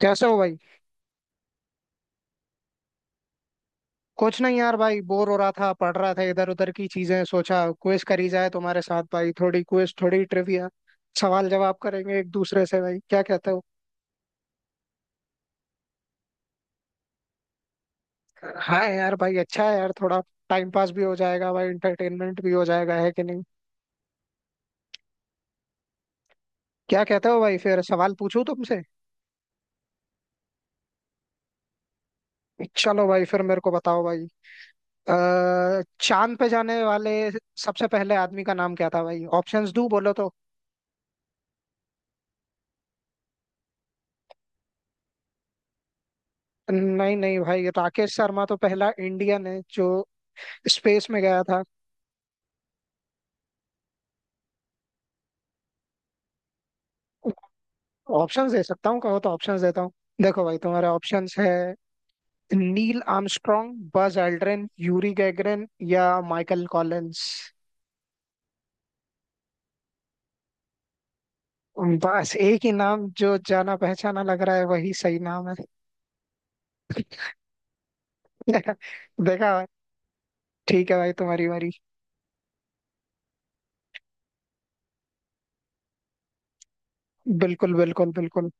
कैसे हो भाई। कुछ नहीं यार भाई, बोर हो रहा था, पढ़ रहा था, इधर उधर की चीजें सोचा क्विज करी जाए तुम्हारे साथ। भाई थोड़ी क्विज, थोड़ी ट्रिविया, सवाल जवाब करेंगे एक दूसरे से भाई। क्या कहते हो? हाँ यार भाई, अच्छा है यार, थोड़ा टाइम पास भी हो जाएगा भाई, इंटरटेनमेंट भी हो जाएगा, है कि नहीं? क्या कहते हो भाई, फिर सवाल पूछूं तुमसे? चलो भाई, फिर मेरे को बताओ भाई। अ, चांद पे जाने वाले सबसे पहले आदमी का नाम क्या था भाई? ऑप्शंस दू बोलो तो? नहीं नहीं भाई, राकेश शर्मा तो पहला इंडियन है जो स्पेस में गया था। ऑप्शंस दे सकता हूँ कहो तो, ऑप्शंस देता हूँ। देखो भाई, तुम्हारे ऑप्शंस है Neil Armstrong, Buzz Aldrin, Yuri Gagarin या माइकल कॉलिंस। बस एक ही नाम जो जाना पहचाना लग रहा है, वही सही नाम है। देखा भाई? ठीक है भाई, तुम्हारी बारी। बिल्कुल बिल्कुल बिल्कुल।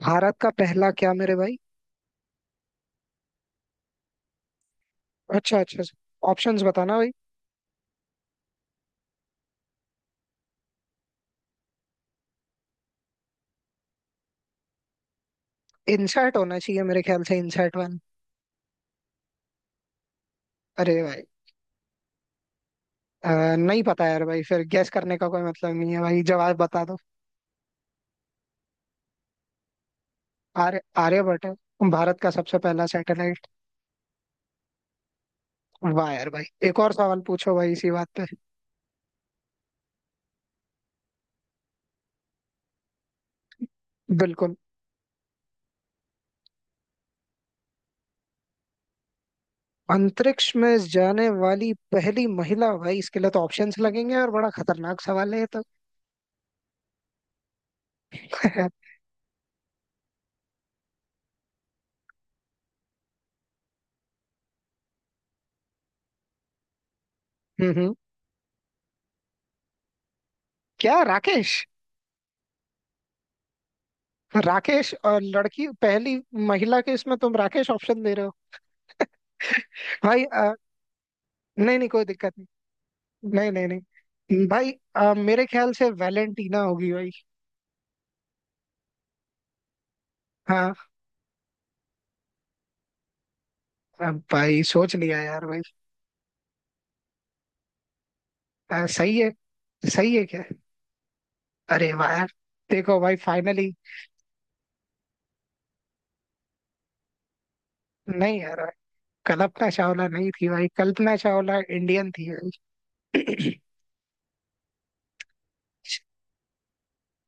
भारत का पहला क्या मेरे भाई? अच्छा अच्छा। ऑप्शंस बताना भाई। इनसैट होना चाहिए मेरे ख्याल से, इनसैट वन। अरे भाई! अ, नहीं पता यार भाई, फिर गैस करने का कोई मतलब नहीं है भाई, जवाब बता दो। आर्यभट्ट है भारत का सबसे पहला सैटेलाइट। वाह यार भाई, एक और सवाल पूछो भाई इसी बात पे। बिल्कुल। अंतरिक्ष में जाने वाली पहली महिला भाई, इसके लिए तो ऑप्शंस लगेंगे, और बड़ा खतरनाक सवाल है ये तो। हम्म हम्म। क्या राकेश? राकेश और लड़की, पहली महिला के इसमें तुम राकेश ऑप्शन दे रहे हो? भाई नहीं नहीं, कोई दिक्कत नहीं। नहीं नहीं नहीं भाई, मेरे ख्याल से वैलेंटीना होगी भाई। हाँ। अब भाई सोच लिया यार भाई। सही है। सही है क्या? अरे वाह यार! देखो भाई, फाइनली। नहीं यार भाई, कल्पना चावला नहीं थी भाई, कल्पना चावला इंडियन थी भाई।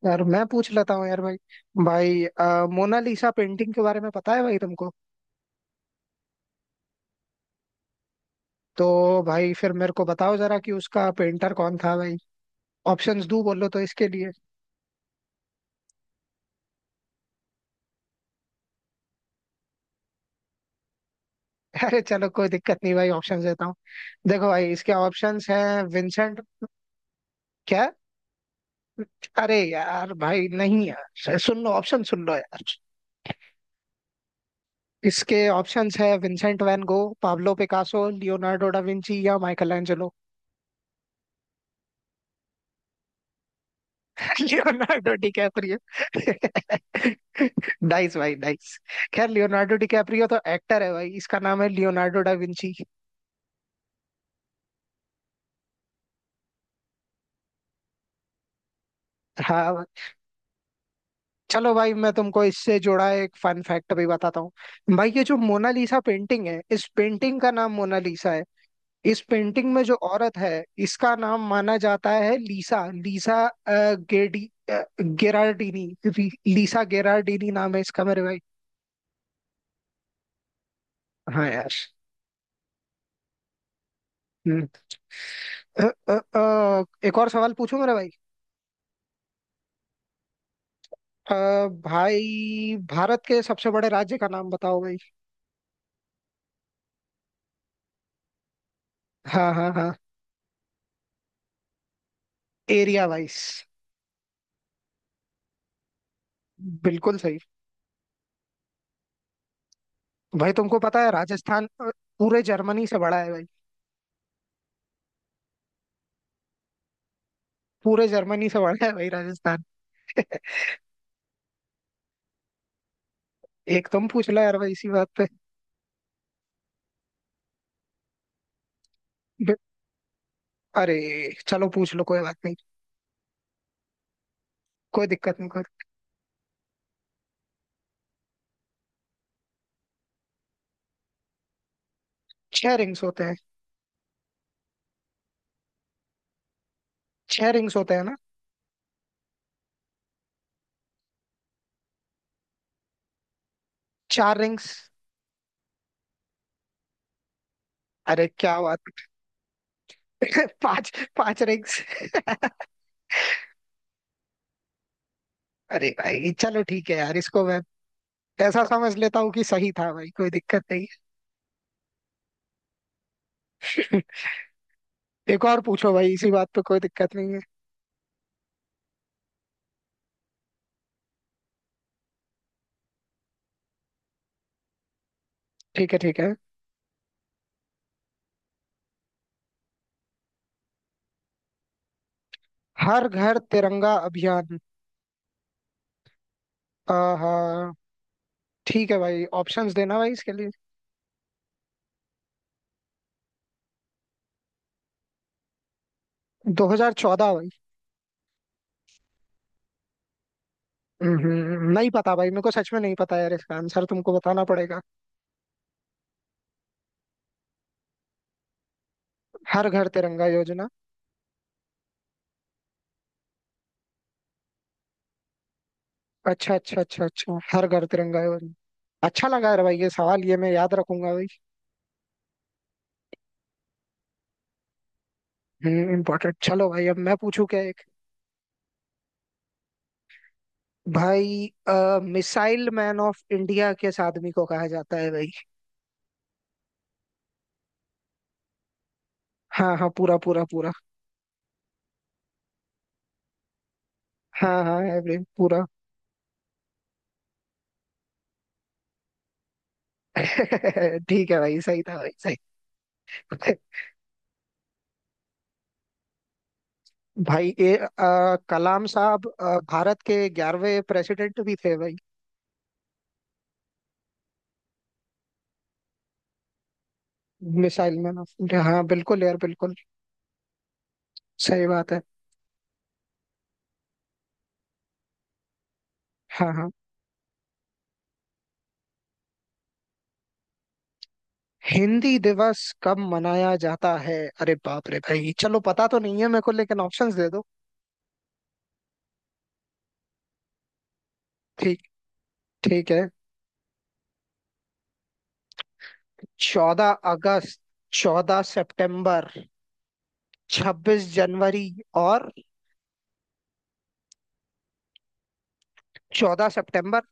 यार मैं पूछ लेता हूँ यार भाई। भाई मोनालिसा पेंटिंग के बारे में पता है भाई तुमको? तो भाई फिर मेरे को बताओ जरा कि उसका पेंटर कौन था भाई। ऑप्शंस दू बोलो तो इसके लिए? अरे चलो कोई दिक्कत नहीं भाई, ऑप्शंस देता हूँ। देखो भाई, इसके ऑप्शंस हैं विंसेंट। क्या? अरे यार भाई, नहीं यार, सुन लो ऑप्शन, सुन लो यार। इसके ऑप्शंस है Vincent van Gogh, Pablo Picasso, Leonardo da Vinci या Michael Angelo. Leonardo DiCaprio. Nice भाई, नाइस। खैर, लियोनार्डो डिकैप्रियो तो एक्टर है भाई, इसका नाम है लियोनार्डो डा विंची। हाँ भाई। चलो भाई, मैं तुमको इससे जुड़ा एक फन फैक्ट भी बताता हूँ भाई। ये जो मोनालिसा पेंटिंग है, इस पेंटिंग का नाम मोनालिसा है। इस पेंटिंग में जो औरत है, इसका नाम माना जाता है लीसा लीसा गेडी अ, लीसा गेरार्डिनी नाम है इसका मेरे भाई। हाँ यार। हम्म। अ, एक और सवाल पूछूं मेरे भाई? अ, भाई भारत के सबसे बड़े राज्य का नाम बताओ भाई। हाँ हाँ हाँ। Area wise. बिल्कुल सही भाई। तुमको पता है राजस्थान पूरे जर्मनी से बड़ा है भाई, पूरे जर्मनी से बड़ा है भाई राजस्थान। एक तुम पूछ लो यार भाई इसी बात पे। अरे चलो पूछ लो, कोई बात नहीं, कोई दिक्कत नहीं, कोई। छह रिंग्स होते हैं। छह रिंग्स होते हैं ना? चार रिंग्स। अरे क्या बात! पांच। पांच रिंग्स। अरे भाई चलो, ठीक है यार, इसको मैं ऐसा समझ लेता हूँ कि सही था भाई, कोई दिक्कत नहीं है। एक और पूछो भाई इसी बात पे, कोई दिक्कत नहीं है। ठीक है, ठीक है। हर घर तिरंगा अभियान। आहा। ठीक है भाई, ऑप्शंस देना भाई इसके लिए। 2014 भाई। नहीं पता भाई, मेरे को सच में नहीं पता यार, इसका आंसर तुमको बताना पड़ेगा। हर घर तिरंगा योजना। अच्छा अच्छा अच्छा अच्छा, हर घर तिरंगा है भाई। अच्छा लगा यार भाई, ये सवाल ये मैं याद रखूंगा भाई। इम्पोर्टेंट। चलो भाई, अब मैं पूछू क्या एक? भाई मिसाइल मैन ऑफ इंडिया किस आदमी को कहा जाता है भाई? हाँ हाँ, पूरा पूरा पूरा। हाँ हाँ एवरी पूरा। ठीक है भाई, सही था भाई, सही। भाई ये कलाम साहब भारत के 11वें प्रेसिडेंट भी थे भाई। मिसाइल मैन ऑफ इंडिया, हाँ बिल्कुल यार बिल्कुल। सही बात है। हाँ हाँ। हिंदी दिवस कब मनाया जाता है? अरे बाप रे भाई, चलो पता तो नहीं है मेरे को लेकिन ऑप्शंस दे दो। ठीक। ठीक है। 14 अगस्त, 14 सितंबर, 26 जनवरी और 14 सितंबर।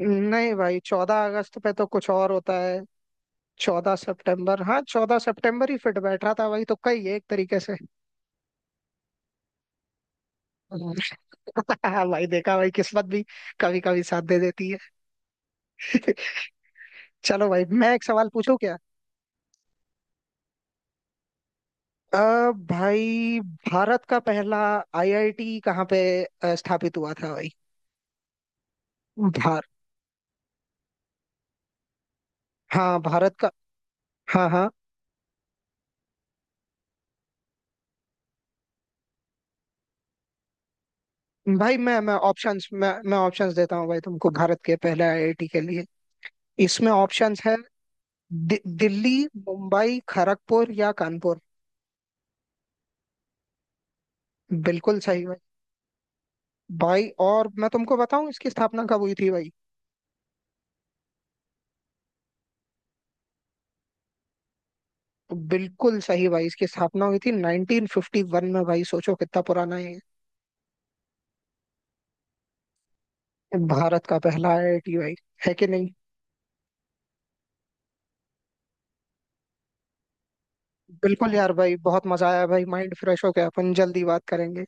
नहीं भाई, 14 अगस्त पे तो कुछ और होता है। 14 सितंबर, हाँ 14 सितंबर ही फिट बैठ रहा था भाई, तो कही है एक तरीके से। भाई देखा भाई, किस्मत भी कभी कभी साथ दे देती है। चलो भाई, मैं एक सवाल पूछूं क्या? अ, भाई भारत का पहला आईआईटी कहाँ पे स्थापित हुआ था भाई? भार हाँ भारत का। हाँ हाँ भाई, मैं ऑप्शंस, मैं ऑप्शंस देता हूँ भाई तुमको भारत के पहले आईआईटी के लिए। इसमें ऑप्शंस है दिल्ली, मुंबई, खड़गपुर या कानपुर। बिल्कुल सही भाई। भाई और मैं तुमको बताऊं इसकी स्थापना कब हुई थी भाई? बिल्कुल सही भाई, इसकी स्थापना हुई थी 1951 में भाई, सोचो कितना पुराना है ये। भारत का पहला आईआईटी भाई, है कि नहीं? बिल्कुल यार भाई, बहुत मजा आया भाई, माइंड फ्रेश हो गया, अपन जल्दी बात करेंगे।